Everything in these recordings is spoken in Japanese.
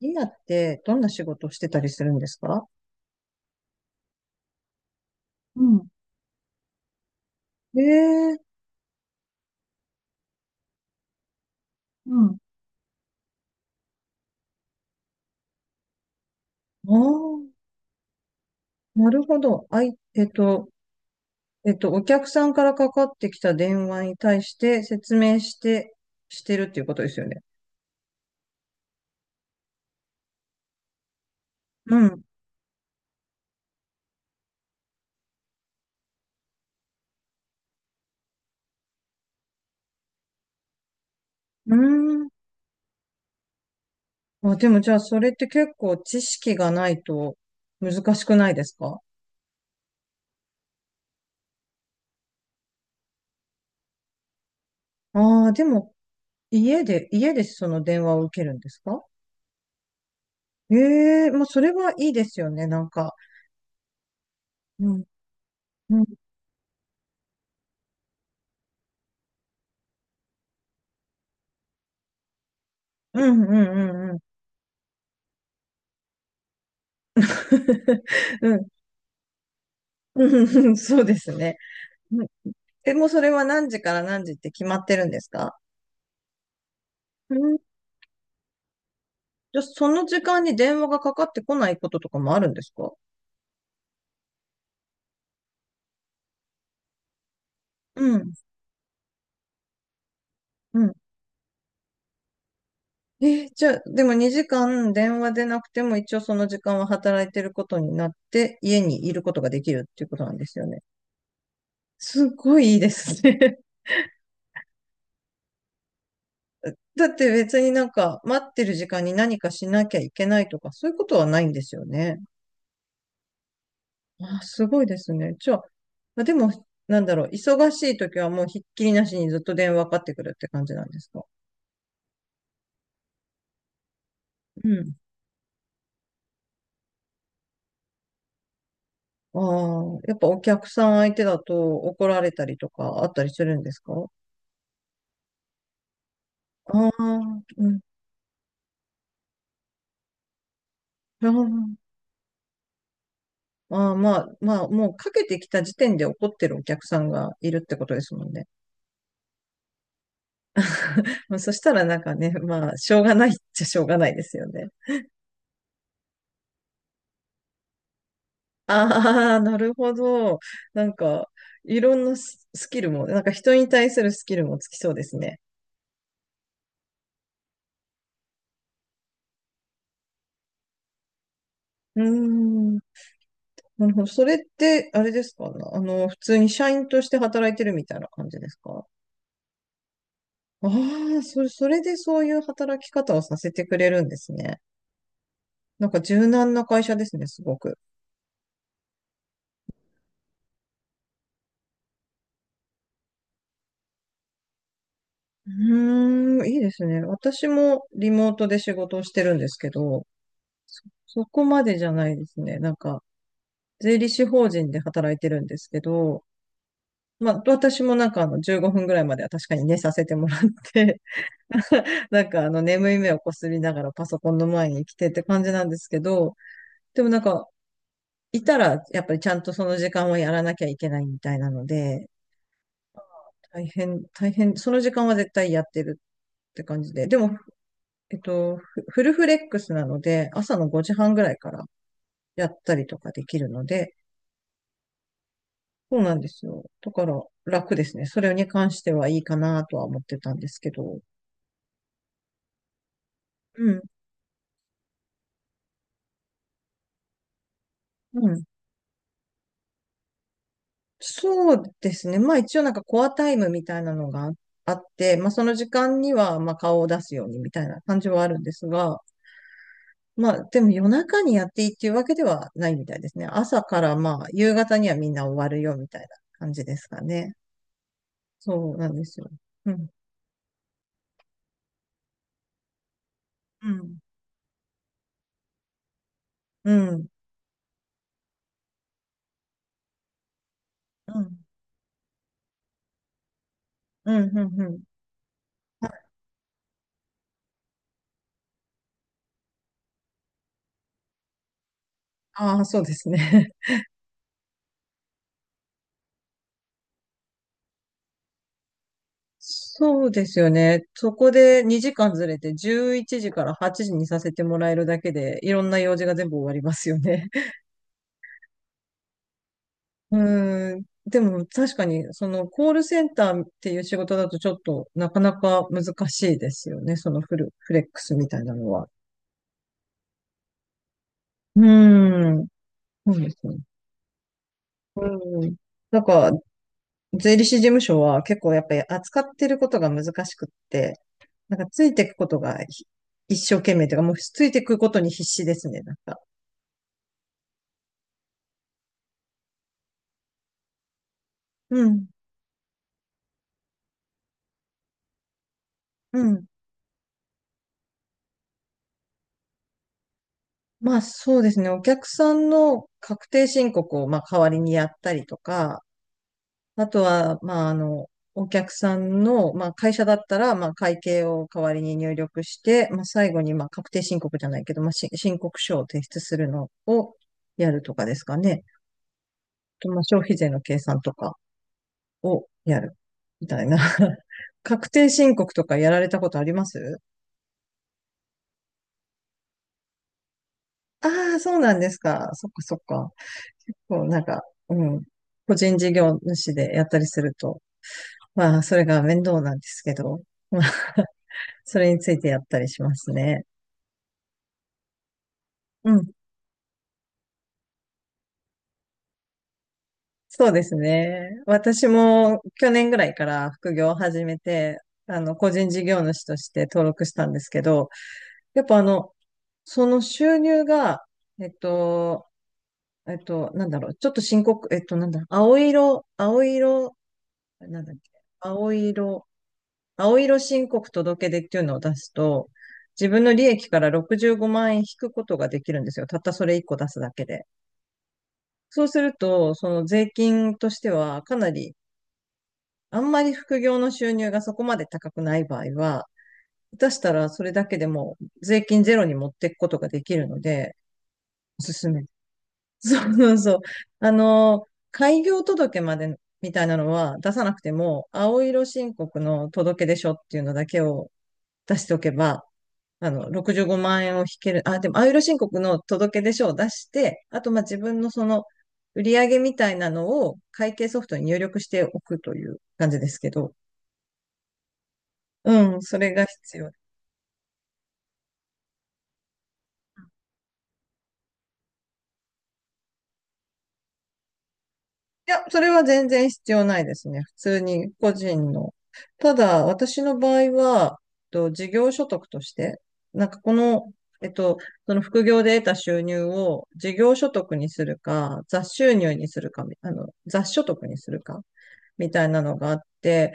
今ってどんな仕事をしてたりするんですか？うん、ええ。うん。ああ、なるほど。あい、お客さんからかかってきた電話に対して説明して、してるっていうことですよね。うん。うーん。あ、でもじゃあ、それって結構知識がないと難しくないですか？ああ、でも、家でその電話を受けるんですか？ええ、まあ、それはいいですよね、なんか。うん。うん、うん、うん、うん、うん。うん、そうですね。うん。え、もうそれは何時から何時って決まってるんですか？うん。じゃあ、その時間に電話がかかってこないこととかもあるんですか？うん。うん。え、じゃあ、でも2時間電話でなくても一応その時間は働いてることになって、家にいることができるっていうことなんですよね。すごいいいですね。だって別になんか待ってる時間に何かしなきゃいけないとかそういうことはないんですよね。あ、すごいですね。じゃあ、まあでも、なんだろう、忙しい時はもうひっきりなしにずっと電話かかってくるって感じなんですか？うん。ああ、やっぱお客さん相手だと怒られたりとかあったりするんですか？ああ、うん。ああ、ああ、まあ、もうかけてきた時点で怒ってるお客さんがいるってことですもんね。まあそしたらなんかね、まあ、しょうがないっちゃしょうがないですよね。ああ、なるほど。なんか、いろんなススキルも、なんか人に対するスキルもつきそうですね。うーん。なるほど。それって、あれですかね。あの、普通に社員として働いてるみたいな感じですか？ああ、それでそういう働き方をさせてくれるんですね。なんか柔軟な会社ですね、すごく。うーん、いいですね。私もリモートで仕事をしてるんですけど、そこまでじゃないですね。なんか、税理士法人で働いてるんですけど、まあ、私もなんかあの15分ぐらいまでは確かに寝させてもらって、 なんかあの眠い目をこすりながらパソコンの前に来てって感じなんですけど、でもなんかいたらやっぱりちゃんとその時間はやらなきゃいけないみたいなので、大変、その時間は絶対やってるって感じで、でも、フフルフレックスなので、朝の5時半ぐらいからやったりとかできるので、そうなんですよ。だから楽ですね。それに関してはいいかなとは思ってたんですけど、うん、うん。そうですね。まあ一応なんかコアタイムみたいなのがあって、まあその時間にはまあ顔を出すようにみたいな感じはあるんですが、まあでも夜中にやっていいっていうわけではないみたいですね。朝からまあ夕方にはみんな終わるよみたいな感じですかね。そうなんですよ。うん。うん。うん。うん。うん。うん。うん。ああ、そうですね。そうですよね。そこで2時間ずれて11時から8時にさせてもらえるだけで、いろんな用事が全部終わりますよね。うーん。でも確かに、そのコールセンターっていう仕事だとちょっとなかなか難しいですよね。そのフル、フレックスみたいなのは。うーん。そうですね。うん。なんか、税理士事務所は結構やっぱり扱ってることが難しくって、なんかついていくことが一生懸命というか、もうついていくことに必死ですね、なんか。うん。うん。まあそうですね。お客さんの確定申告をまあ代わりにやったりとか、あとは、まあ、あの、お客さんの、まあ、会社だったら、まあ、会計を代わりに入力して、まあ、最後に、まあ、確定申告じゃないけど、まあ、申告書を提出するのをやるとかですかね。と、まあ、消費税の計算とかをやるみたいな。確定申告とかやられたことあります？ああー、そうなんですか。そっかそっか。結構なんか、うん。個人事業主でやったりすると、まあ、それが面倒なんですけど。まあそれについてやったりしますね。うん。そうですね。私も去年ぐらいから副業を始めて、あの、個人事業主として登録したんですけど、やっぱあの、その収入が、えっと、なんだろう、ちょっと深刻、えっと、なんだ、青色、青色、なんだっけ、青色、青色申告届出っていうのを出すと、自分の利益から65万円引くことができるんですよ。たったそれ1個出すだけで。そうすると、その税金としてはかなり、あんまり副業の収入がそこまで高くない場合は、下手したらそれだけでも税金ゼロに持っていくことができるので、おすすめ。そうそうそう。あの、開業届までみたいなのは出さなくても、青色申告の届出書っていうのだけを出しておけば、あの、65万円を引ける。あ、でも、あゆる申告の届出書を出して、あと、まあ、自分のその、売上みたいなのを会計ソフトに入力しておくという感じですけど。うん、それが必要。いや、それは全然必要ないですね。普通に個人の。ただ、私の場合は、えっと、事業所得として、なんかこの、えっと、その副業で得た収入を事業所得にするか、雑収入にするか、あの、雑所得にするかみたいなのがあって、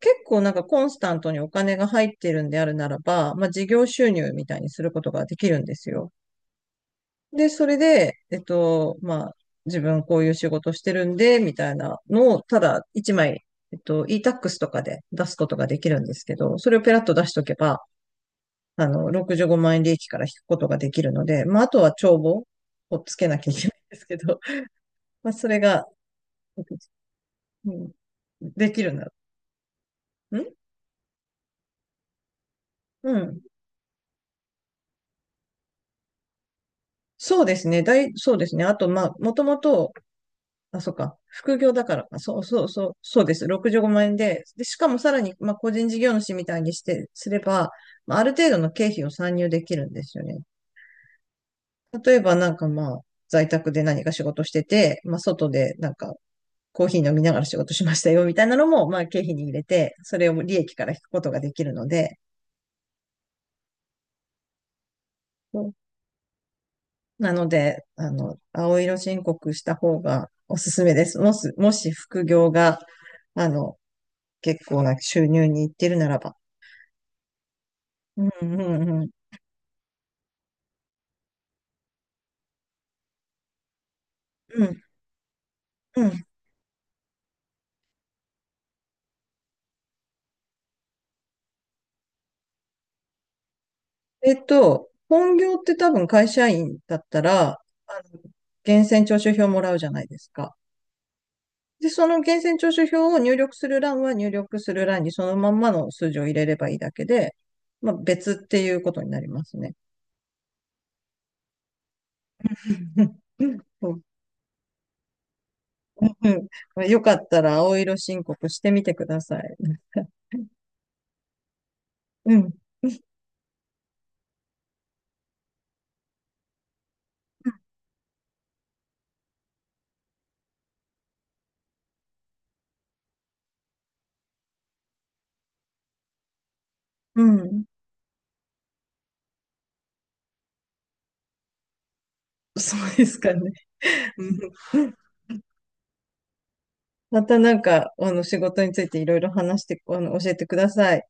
結構なんかコンスタントにお金が入ってるんであるならば、まあ事業収入みたいにすることができるんですよ。で、それで、えっと、まあ自分こういう仕事してるんで、みたいなのをただ一枚、えっと、e-tax とかで出すことができるんですけど、それをペラッと出しとけば、あの、65万円利益から引くことができるので、まああとは帳簿をつけなきゃいけないんですけど、まあそれが、うん、できるな。ん、うん。そうですね。そうですね。あと、まあ、もともと、あ、そっか、副業だからか、そうそうそう、そうです。65万円で、しかもさらに、まあ、個人事業主みたいにすれば、まあ、ある程度の経費を参入できるんですよね。例えば、なんかまあ、在宅で何か仕事してて、まあ、外で、なんか、コーヒー飲みながら仕事しましたよ、みたいなのも、まあ、経費に入れて、それを利益から引くことができるので、なので、あの、青色申告した方がおすすめです。もし副業が、あの、結構な収入にいってるならば。うん、うん、うん。うん、うん。えっと、本業って多分会社員だったら、あの、源泉徴収票もらうじゃないですか。で、その源泉徴収票を入力する欄にそのまんまの数字を入れればいいだけで、まあ別っていうことになりますね。うん。まあよかったら青色申告してみてください。うん。うん。そうですかね。うん。またなんか、あの、仕事についていろいろ話して、あの、教えてください。